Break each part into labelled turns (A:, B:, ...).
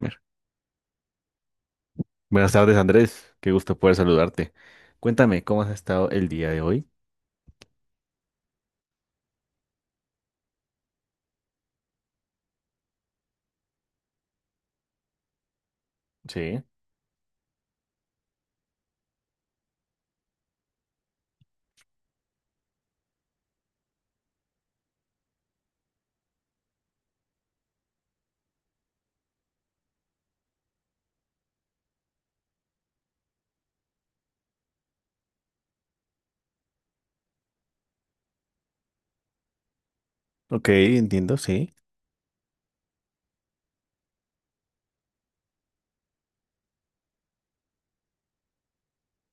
A: Ver. Buenas tardes, Andrés. Qué gusto poder saludarte. Cuéntame, ¿cómo has estado el día de hoy? Sí. Ok, entiendo, sí.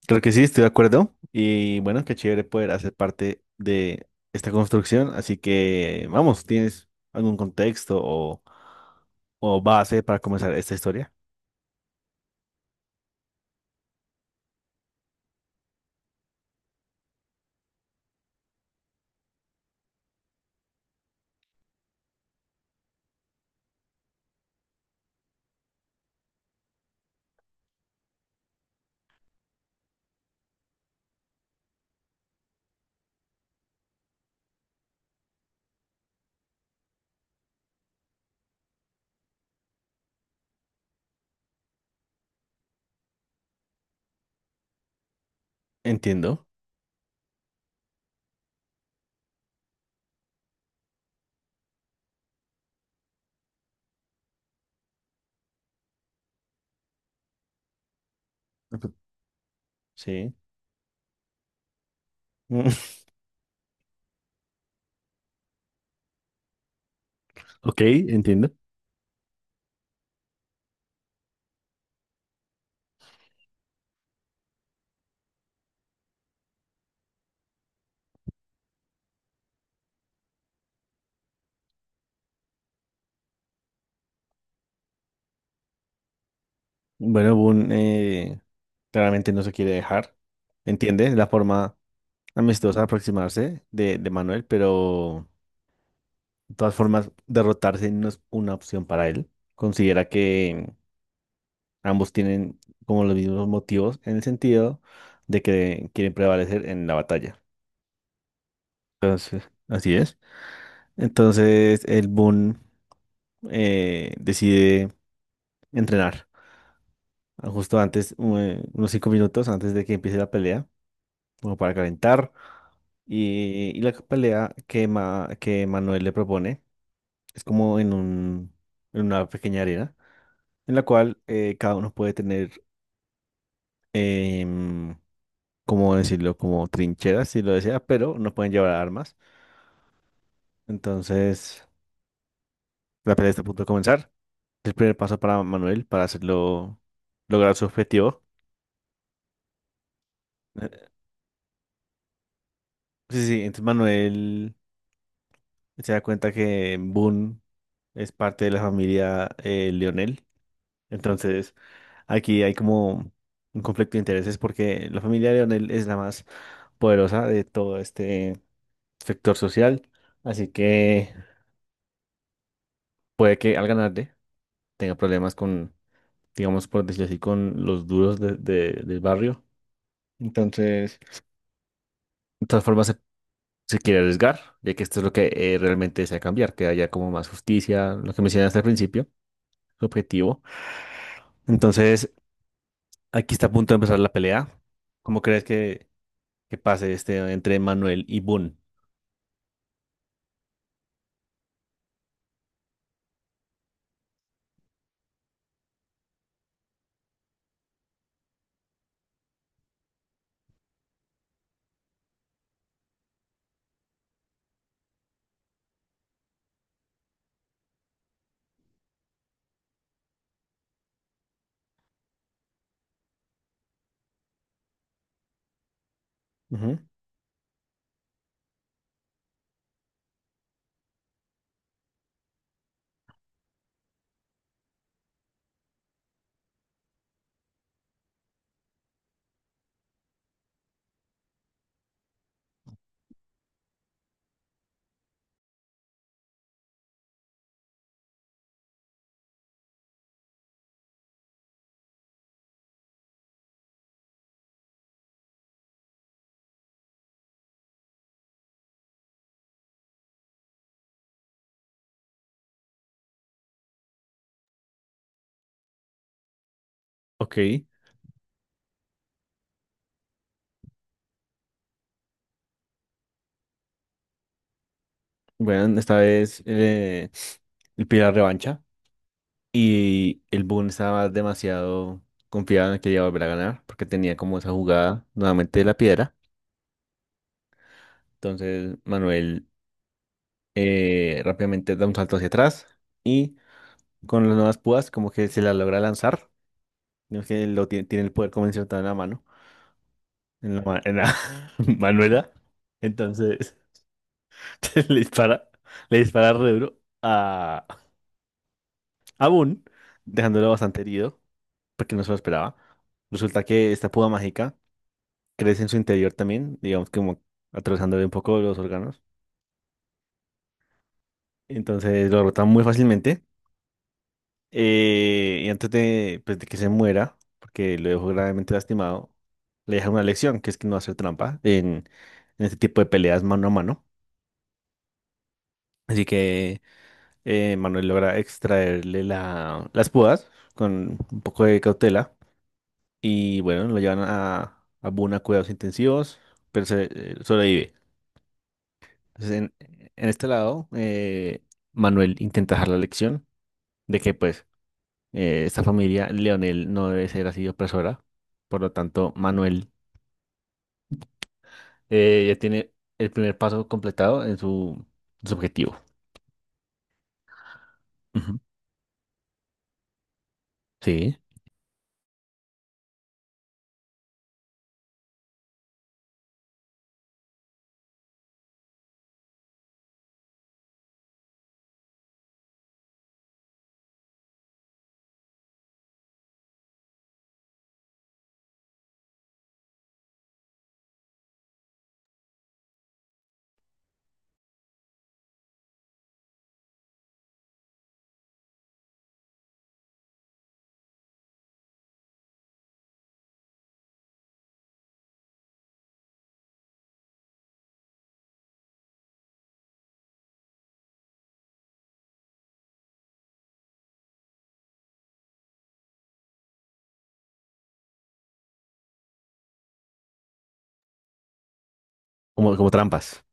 A: Creo que sí, estoy de acuerdo. Y bueno, qué chévere poder hacer parte de esta construcción. Así que, vamos, ¿tienes algún contexto o base para comenzar esta historia? Entiendo. Ujú. Sí. Mm, Ok, entiendo. Bueno, Boone claramente no se quiere dejar. Entiende la forma amistosa aproximarse de Manuel, pero de todas formas, derrotarse no es una opción para él. Considera que ambos tienen como los mismos motivos en el sentido de que quieren prevalecer en la batalla. Entonces, así es. Entonces, el Boon decide entrenar justo antes, unos cinco minutos antes de que empiece la pelea, como para calentar. Y la pelea que Manuel le propone. Es como en en una pequeña arena en la cual cada uno puede tener, em, ¿cómo decirlo? Como trincheras, si lo desea, pero no pueden llevar armas. Entonces, la pelea está a punto de comenzar. El primer paso para Manuel para hacerlo, lograr su objetivo. Eh, sí, entonces Manuel se da cuenta que Boone es parte de la familia Lionel. Entonces, aquí hay como un conflicto de intereses porque la familia de Leonel es la más poderosa de todo este sector social, así que puede que al ganarle tenga problemas con, digamos, por decirlo así, con los duros del barrio. Entonces, de todas formas, se quiere arriesgar, ya que esto es lo que realmente desea cambiar, que haya como más justicia, lo que mencionaste al principio, su objetivo. Entonces, aquí está a punto de empezar la pelea. ¿Cómo crees que pase este entre Manuel y Boone? Ujú. Ok, bueno, esta vez el Pilar revancha y el Boone estaba demasiado confiado en que iba a volver a ganar porque tenía como esa jugada nuevamente de la piedra. Entonces Manuel rápidamente da un salto hacia atrás y con las nuevas púas como que se la logra lanzar, no es que lo tiene, tiene el poder convencional en la mano, en en la Manuela. Entonces le dispara, le dispara re duro. Aún, dejándolo bastante herido, porque no se lo esperaba, resulta que esta púa mágica crece en su interior también, digamos que como atravesándole un poco los órganos. Entonces lo rota muy fácilmente. Y antes de, pues, de que se muera, porque lo dejó gravemente lastimado, le deja una lección, que es que no hacer trampa en este tipo de peleas mano a mano. Así que Manuel logra extraerle las púas con un poco de cautela. Y bueno, lo llevan a Boone cuidados intensivos, pero sobrevive. Entonces, en este lado, Manuel intenta dejar la lección de que, pues, esta familia, Leonel, no debe ser así opresora. Por lo tanto, Manuel ya tiene el primer paso completado en su objetivo. Ujú. Sí, como, como trampas.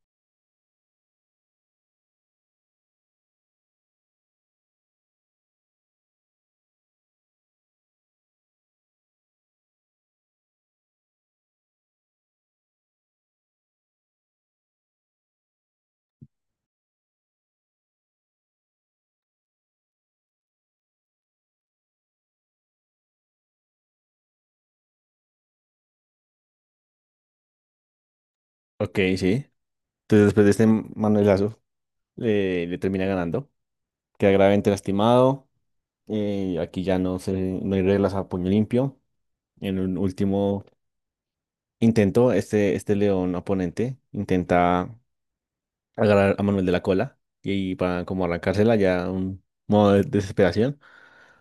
A: Ok, sí. Entonces, después de este Manuelazo, le termina ganando. Queda gravemente lastimado. Aquí ya no se, no hay reglas a puño limpio. En un último intento, este león oponente intenta agarrar a Manuel de la cola y para como arrancársela ya un modo de desesperación,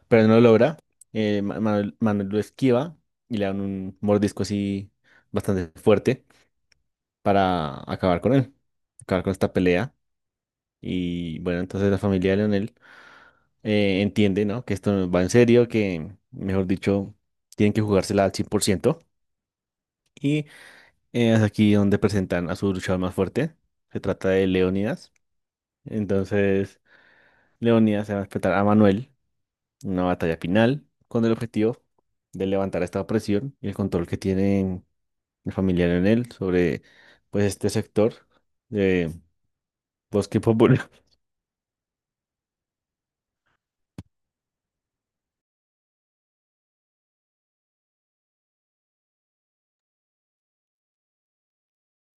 A: pero no lo logra. Manuel, Manuel lo esquiva y le dan un mordisco así bastante fuerte para acabar con él, acabar con esta pelea. Y bueno, entonces la familia de Leonel entiende, ¿no? Que esto va en serio, que, mejor dicho, tienen que jugársela al 100%. Y es aquí donde presentan a su luchador más fuerte. Se trata de Leónidas. Entonces, Leónidas se va a enfrentar a Manuel en una batalla final con el objetivo de levantar esta presión y el control que tienen el familiar familia Leonel sobre, pues, este sector de Bosque Popular.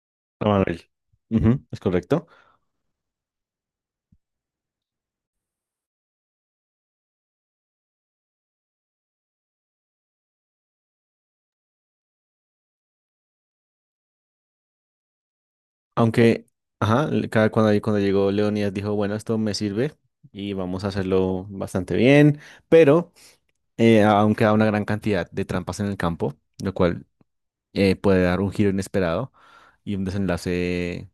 A: A Manuel. Ujú, es correcto. Aunque, ajá, le- cada- cuando, ahí- cuando llegó Leonidas dijo, bueno, esto me sirve y vamos a hacerlo bastante bien, pero aún queda una gran cantidad de trampas en el campo, lo cual puede dar un giro inesperado y un desenlace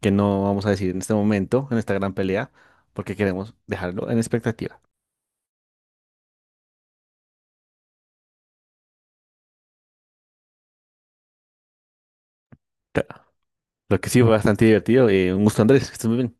A: que no vamos a decir en este momento, en esta gran pelea, porque queremos dejarlo en expectativa. Claro. Lo que sí fue bastante divertido. Un gusto, Andrés, que estés muy bien.